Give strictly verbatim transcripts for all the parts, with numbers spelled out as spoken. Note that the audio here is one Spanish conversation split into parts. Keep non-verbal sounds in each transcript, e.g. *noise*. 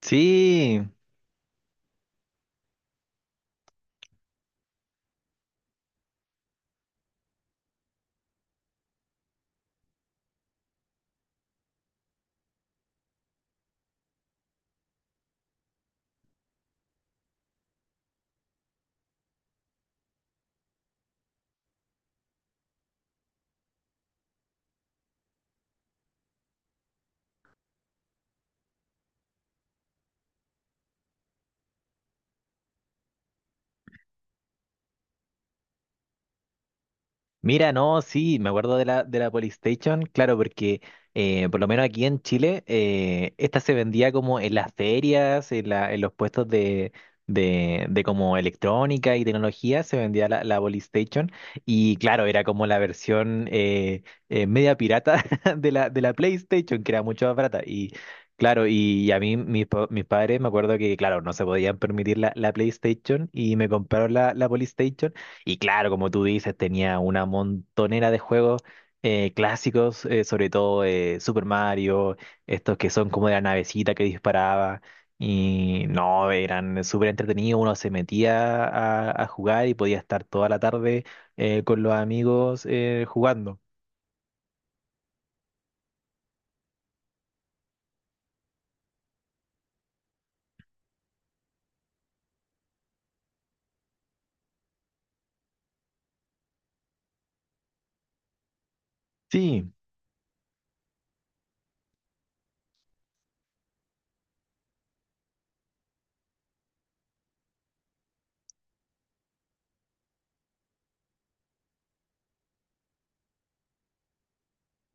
Sí, mira, no, sí, me acuerdo de la, de la Polystation, claro, porque eh, por lo menos aquí en Chile, eh, esta se vendía como en las ferias, en, la, en los puestos de, de, de como electrónica y tecnología, se vendía la, la Polystation, y claro, era como la versión eh, eh, media pirata *laughs* de la, de la PlayStation, que era mucho más barata, y claro, y, a mí, mis, pa- mis padres, me acuerdo que, claro, no se podían permitir la, la PlayStation, y me compraron la, la Polystation. Y claro, como tú dices, tenía una montonera de juegos eh, clásicos, eh, sobre todo eh, Super Mario, estos que son como de la navecita que disparaba. Y no, eran súper entretenidos, uno se metía a, a jugar y podía estar toda la tarde eh, con los amigos eh, jugando. Sí.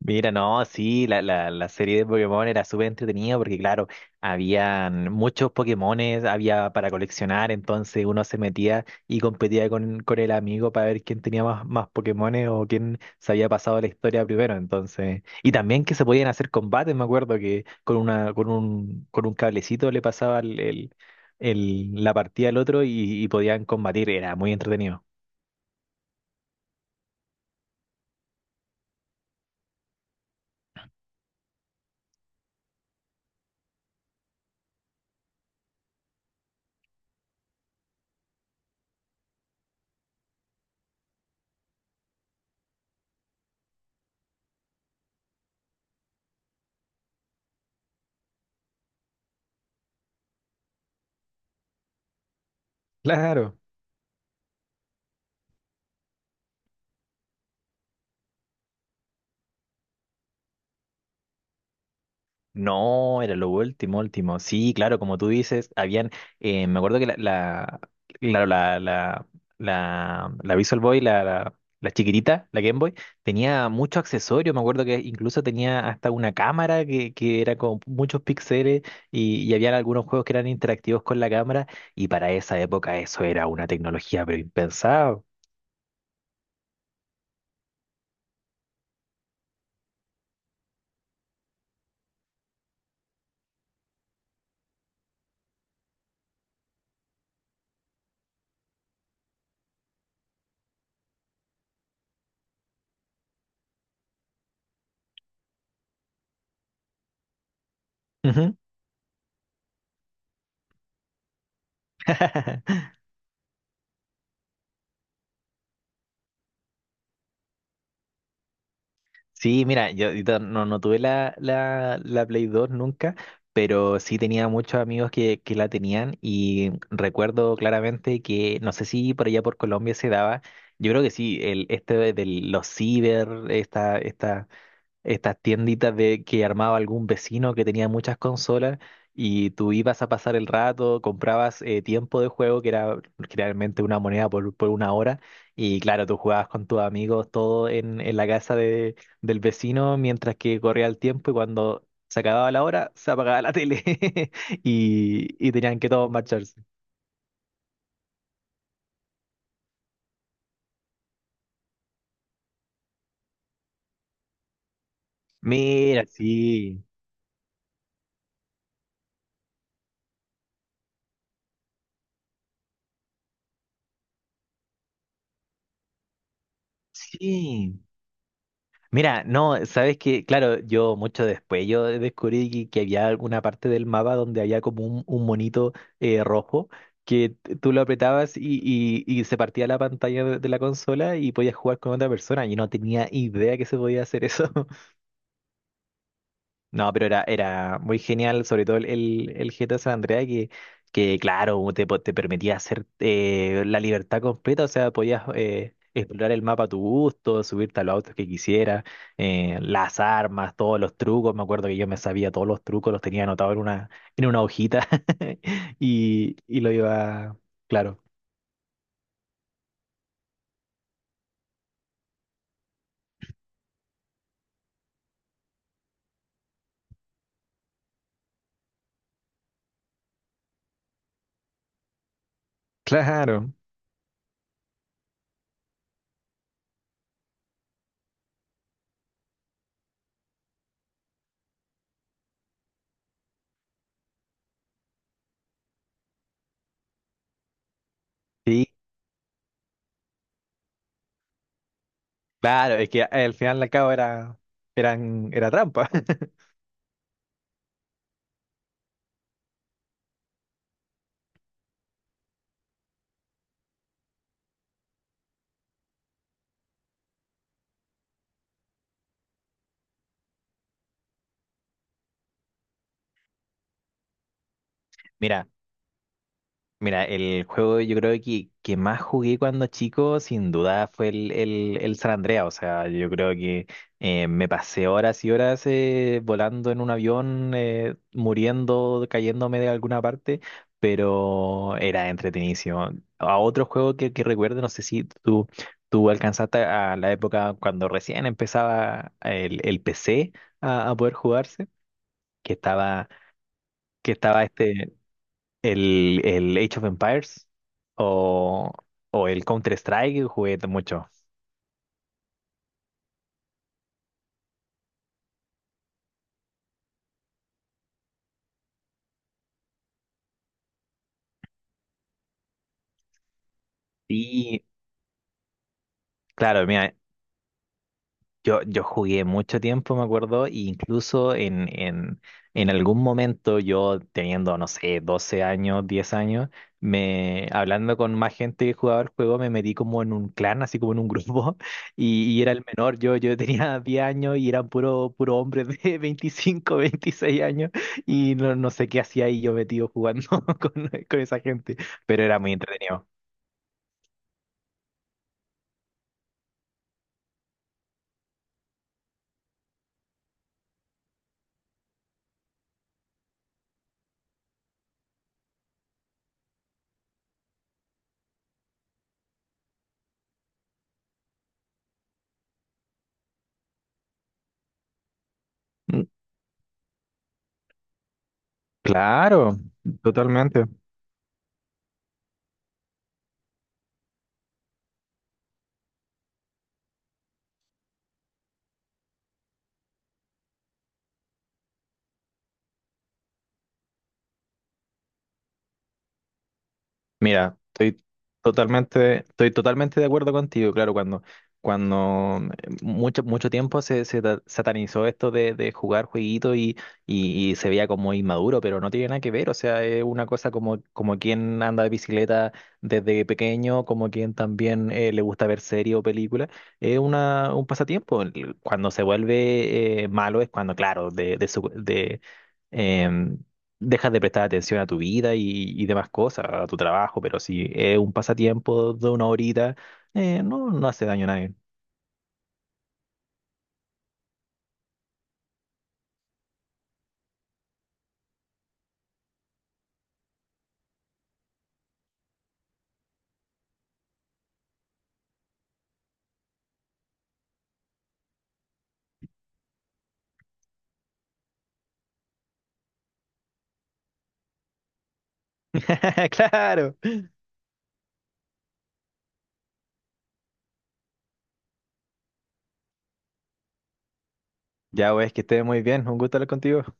Mira, no, sí, la, la, la serie de Pokémon era súper entretenida porque, claro, habían muchos Pokémones, había para coleccionar, entonces uno se metía y competía con, con el amigo para ver quién tenía más, más Pokémones o quién se había pasado la historia primero, entonces. Y también que se podían hacer combates, me acuerdo que con una, con un, con un cablecito le pasaba el, el- el- la partida al otro y, y podían combatir, era muy entretenido. Claro. No, era lo último, último. Sí, claro, como tú dices, habían, eh, me acuerdo que la, la, claro, la, la, la, la Visual Boy, la, la, la chiquitita, la Game Boy, tenía mucho accesorio. Me acuerdo que incluso tenía hasta una cámara que, que era con muchos píxeles y, y habían algunos juegos que eran interactivos con la cámara y para esa época eso era una tecnología pero impensado. Ujú. *laughs* Sí, mira, yo yo ta- no, no tuve la, la, la Play dos nunca, pero sí tenía muchos amigos que, que la tenían y recuerdo claramente que, no sé si por allá por Colombia se daba, yo creo que sí, el, este de los ciber, esta, esta, estas tienditas de que armaba algún vecino que tenía muchas consolas y tú ibas a pasar el rato, comprabas eh, tiempo de juego, que era generalmente una moneda por, por una hora, y claro, tú jugabas con tus amigos todo en, en la casa de, del vecino mientras que corría el tiempo y cuando se acababa la hora, se apagaba la tele *laughs* y, y tenían que todos marcharse. Mira, sí, sí. Mira, no, sabes que, claro, yo mucho después yo descubrí que, que había alguna parte del mapa donde había como un, un monito eh, rojo que t- tú lo apretabas y, y- y se partía la pantalla de, de la consola y podías jugar con otra persona. Yo no tenía idea que se podía hacer eso. No, pero era, era muy genial, sobre todo el, el, el G T A San Andreas, que, que claro, te, po- te permitía hacer eh, la libertad completa, o sea, podías eh, explorar el mapa a tu gusto, subirte a los autos que quisieras, eh, las armas, todos los trucos, me acuerdo que yo me sabía todos los trucos, los tenía anotados en una, en una hojita *laughs* y, y lo iba, claro, claro, sí, claro, es que al final la cabo era, eran, era trampa. *laughs* Mira. Mira, el juego yo creo que, que más jugué cuando chico, sin duda, fue el, el, el San Andreas. O sea, yo creo que eh, me pasé horas y horas eh, volando en un avión, eh, muriendo, cayéndome de alguna parte, pero era entretenidísimo. A otro juego que, que recuerdo, no sé si tú, tú alcanzaste a la época cuando recién empezaba el, el P C a, a poder jugarse, que estaba, que estaba este. El, el Age of Empires o, o el Counter-Strike jugué mucho. Y claro, mira, Yo, yo jugué mucho tiempo, me acuerdo, e incluso en, en, en algún momento yo teniendo, no sé, doce años, diez años, me, hablando con más gente que jugaba el juego, me metí como en un clan, así como en un grupo, *laughs* y, y era el menor, yo, yo tenía diez años y eran puro, puro hombres de veinticinco veintiséis años, y no, no sé qué hacía ahí yo metido jugando *laughs* con, con esa gente, pero era muy entretenido. Mm, claro, totalmente. Mira, estoy totalmente, estoy totalmente de acuerdo contigo. Claro, cuando, cuando eh, mucho, mucho tiempo se, se ta- satanizó esto de, de jugar jueguito y, y, y se veía como inmaduro, pero no tiene nada que ver. O sea, es una cosa como, como quien anda de bicicleta desde pequeño, como quien también eh, le gusta ver serie o película. Es una, un pasatiempo. Cuando se vuelve eh, malo es cuando, claro, de, de, su- de, em, dejas de prestar atención a tu vida y, y demás cosas, a tu trabajo, pero si es un pasatiempo de una horita, eh, no, no hace daño a nadie. *laughs* Claro. Ya, pues, que estés muy bien. Un gusto hablar contigo.